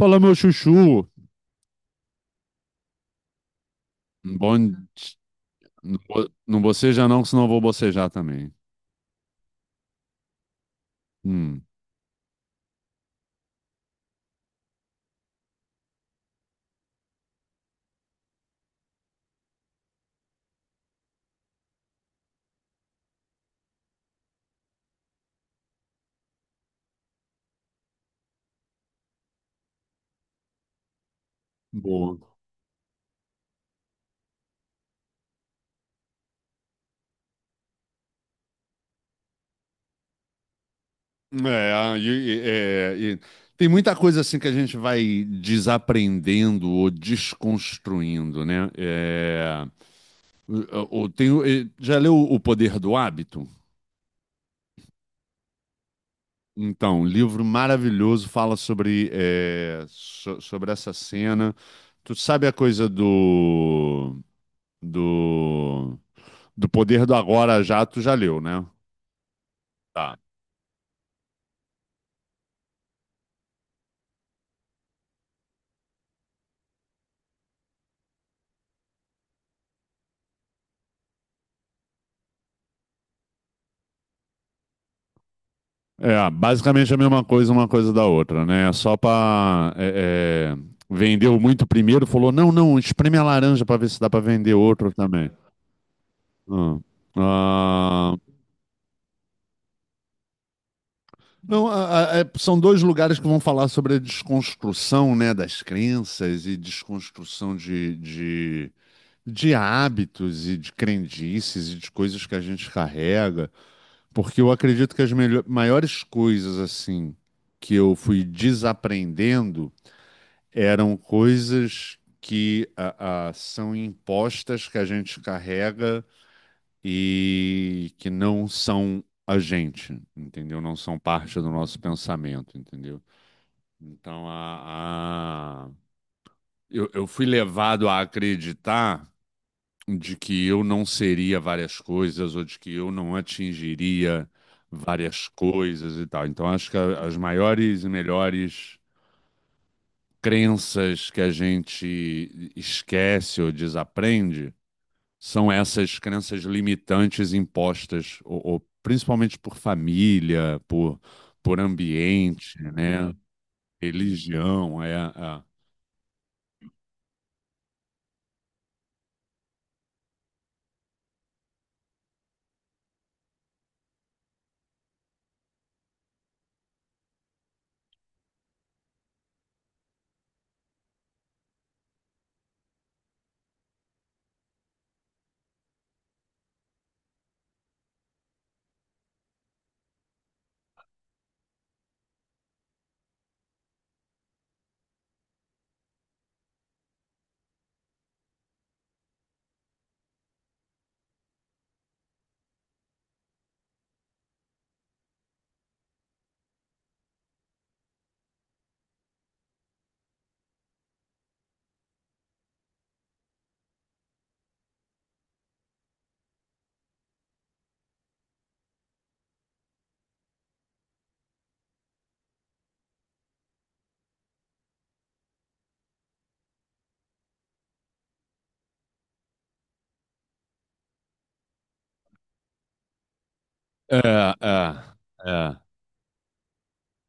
Fala, meu chuchu. Bom, não boceja não, que senão eu vou bocejar também. Hum, boa. E tem muita coisa assim que a gente vai desaprendendo ou desconstruindo, né? Já leu O Poder do Hábito? Então, livro maravilhoso, fala sobre, sobre essa cena. Tu sabe a coisa do, do Poder do Agora Já, tu já leu, né? Tá. É, basicamente é a mesma coisa, uma coisa da outra, né? É Só pra. É, é, Vendeu muito primeiro, falou: não, não, espreme a laranja pra ver se dá pra vender outro também. Ah. Ah, não, são dois lugares que vão falar sobre a desconstrução, né, das crenças e desconstrução de hábitos e de crendices e de coisas que a gente carrega. Porque eu acredito que as maiores coisas, assim, que eu fui desaprendendo eram coisas que são impostas, que a gente carrega e que não são a gente, entendeu? Não são parte do nosso pensamento, entendeu? Então, a, a- eu fui levado a acreditar de que eu não seria várias coisas ou de que eu não atingiria várias coisas e tal. Então, acho que as maiores e melhores crenças que a gente esquece ou desaprende são essas crenças limitantes impostas, ou principalmente por família, por ambiente, né? Religião, é, é, é. é.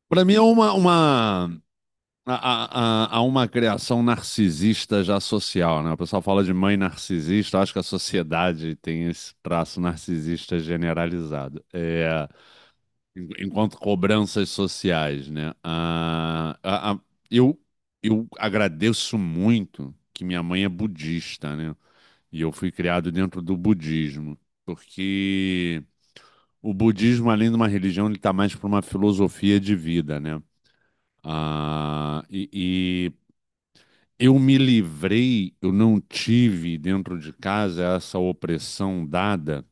para mim é uma uma criação narcisista já social, né? O pessoal fala de mãe narcisista, eu acho que a sociedade tem esse traço narcisista generalizado. É, enquanto cobranças sociais, né? Eu, eu agradeço muito que minha mãe é budista, né? E eu fui criado dentro do budismo, porque o budismo, além de uma religião, ele está mais para uma filosofia de vida, né? E eu me livrei, eu não tive dentro de casa essa opressão dada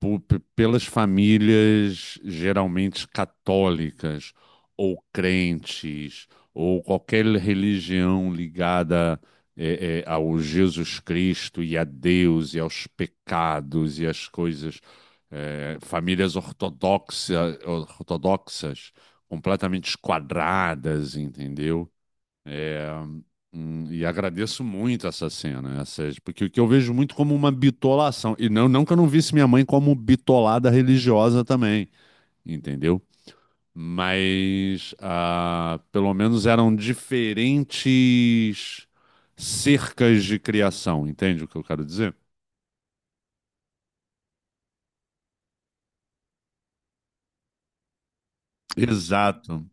pelas famílias geralmente católicas ou crentes ou qualquer religião ligada ao Jesus Cristo e a Deus e aos pecados e às coisas. Eh, ortodoxas, completamente esquadradas, entendeu? E agradeço muito essa cena, essas, porque o que eu vejo muito como uma bitolação, e não, não que eu não visse minha mãe como bitolada religiosa também, entendeu? Mas pelo menos eram diferentes cercas de criação, entende o que eu quero dizer? Exato.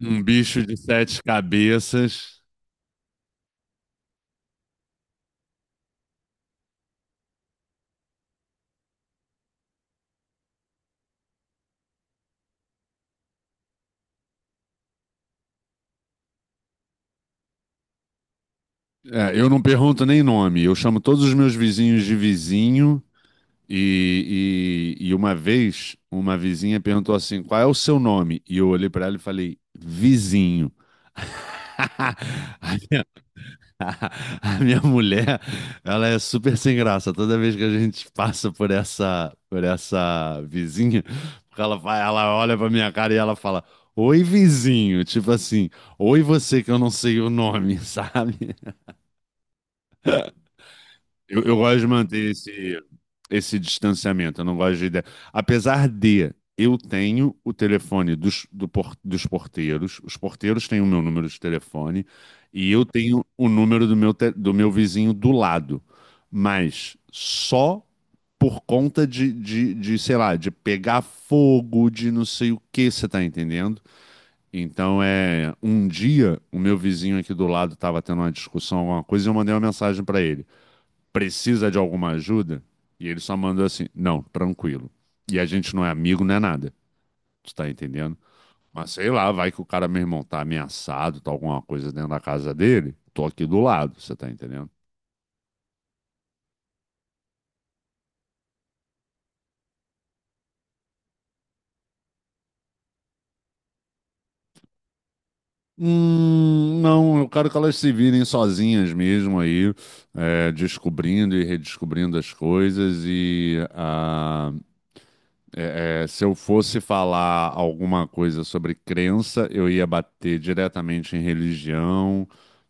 Um bicho de sete cabeças. É, eu não pergunto nem nome, eu chamo todos os meus vizinhos de vizinho. E uma vez, uma vizinha perguntou assim: qual é o seu nome? E eu olhei para ela e falei: vizinho. A minha, a a minha mulher, ela é super sem graça. Toda vez que a gente passa por essa vizinha, porque ela, ela olha pra minha cara e ela fala: oi, vizinho. Tipo assim, oi, você que eu não sei o nome, sabe? Eu gosto de manter esse distanciamento. Eu não gosto de ideia. Apesar de eu tenho o telefone dos porteiros, os porteiros têm o meu número de telefone e eu tenho o número do meu, do meu vizinho do lado, mas só por conta de, sei lá, de pegar fogo, de não sei o que, você tá entendendo? Um dia o meu vizinho aqui do lado estava tendo uma discussão, alguma coisa, e eu mandei uma mensagem para ele, precisa de alguma ajuda? E ele só mandou assim: não, tranquilo. E a gente não é amigo, não é nada. Tu tá entendendo? Mas sei lá, vai que o cara, meu irmão, tá ameaçado, tá alguma coisa dentro da casa dele. Tô aqui do lado, você tá entendendo? Não, eu quero que elas se virem sozinhas mesmo aí, é, descobrindo e redescobrindo as coisas e se eu fosse falar alguma coisa sobre crença, eu ia bater diretamente em religião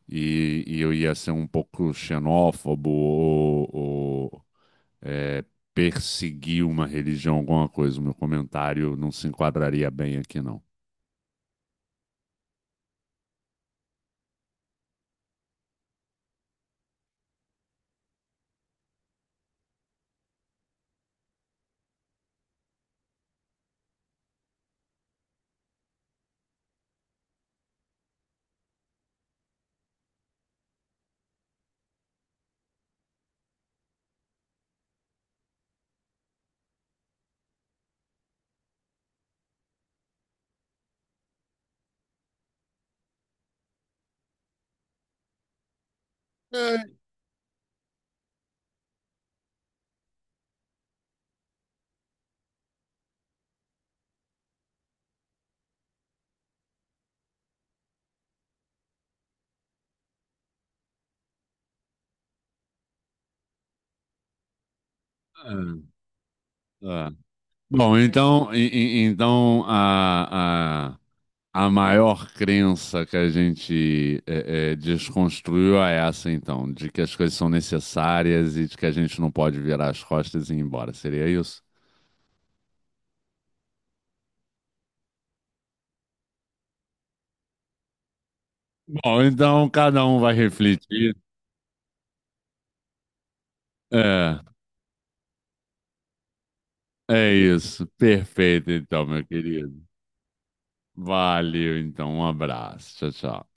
e eu ia ser um pouco xenófobo ou, é, perseguir uma religião, alguma coisa. O meu comentário não se enquadraria bem aqui, não. É, é. Bom, então, então a maior crença que a gente desconstruiu é essa, então, de que as coisas são necessárias e de que a gente não pode virar as costas e ir embora. Seria isso? Bom, então cada um vai refletir. É, é isso. Perfeito, então, meu querido. Valeu, então. Um abraço. Tchau, tchau.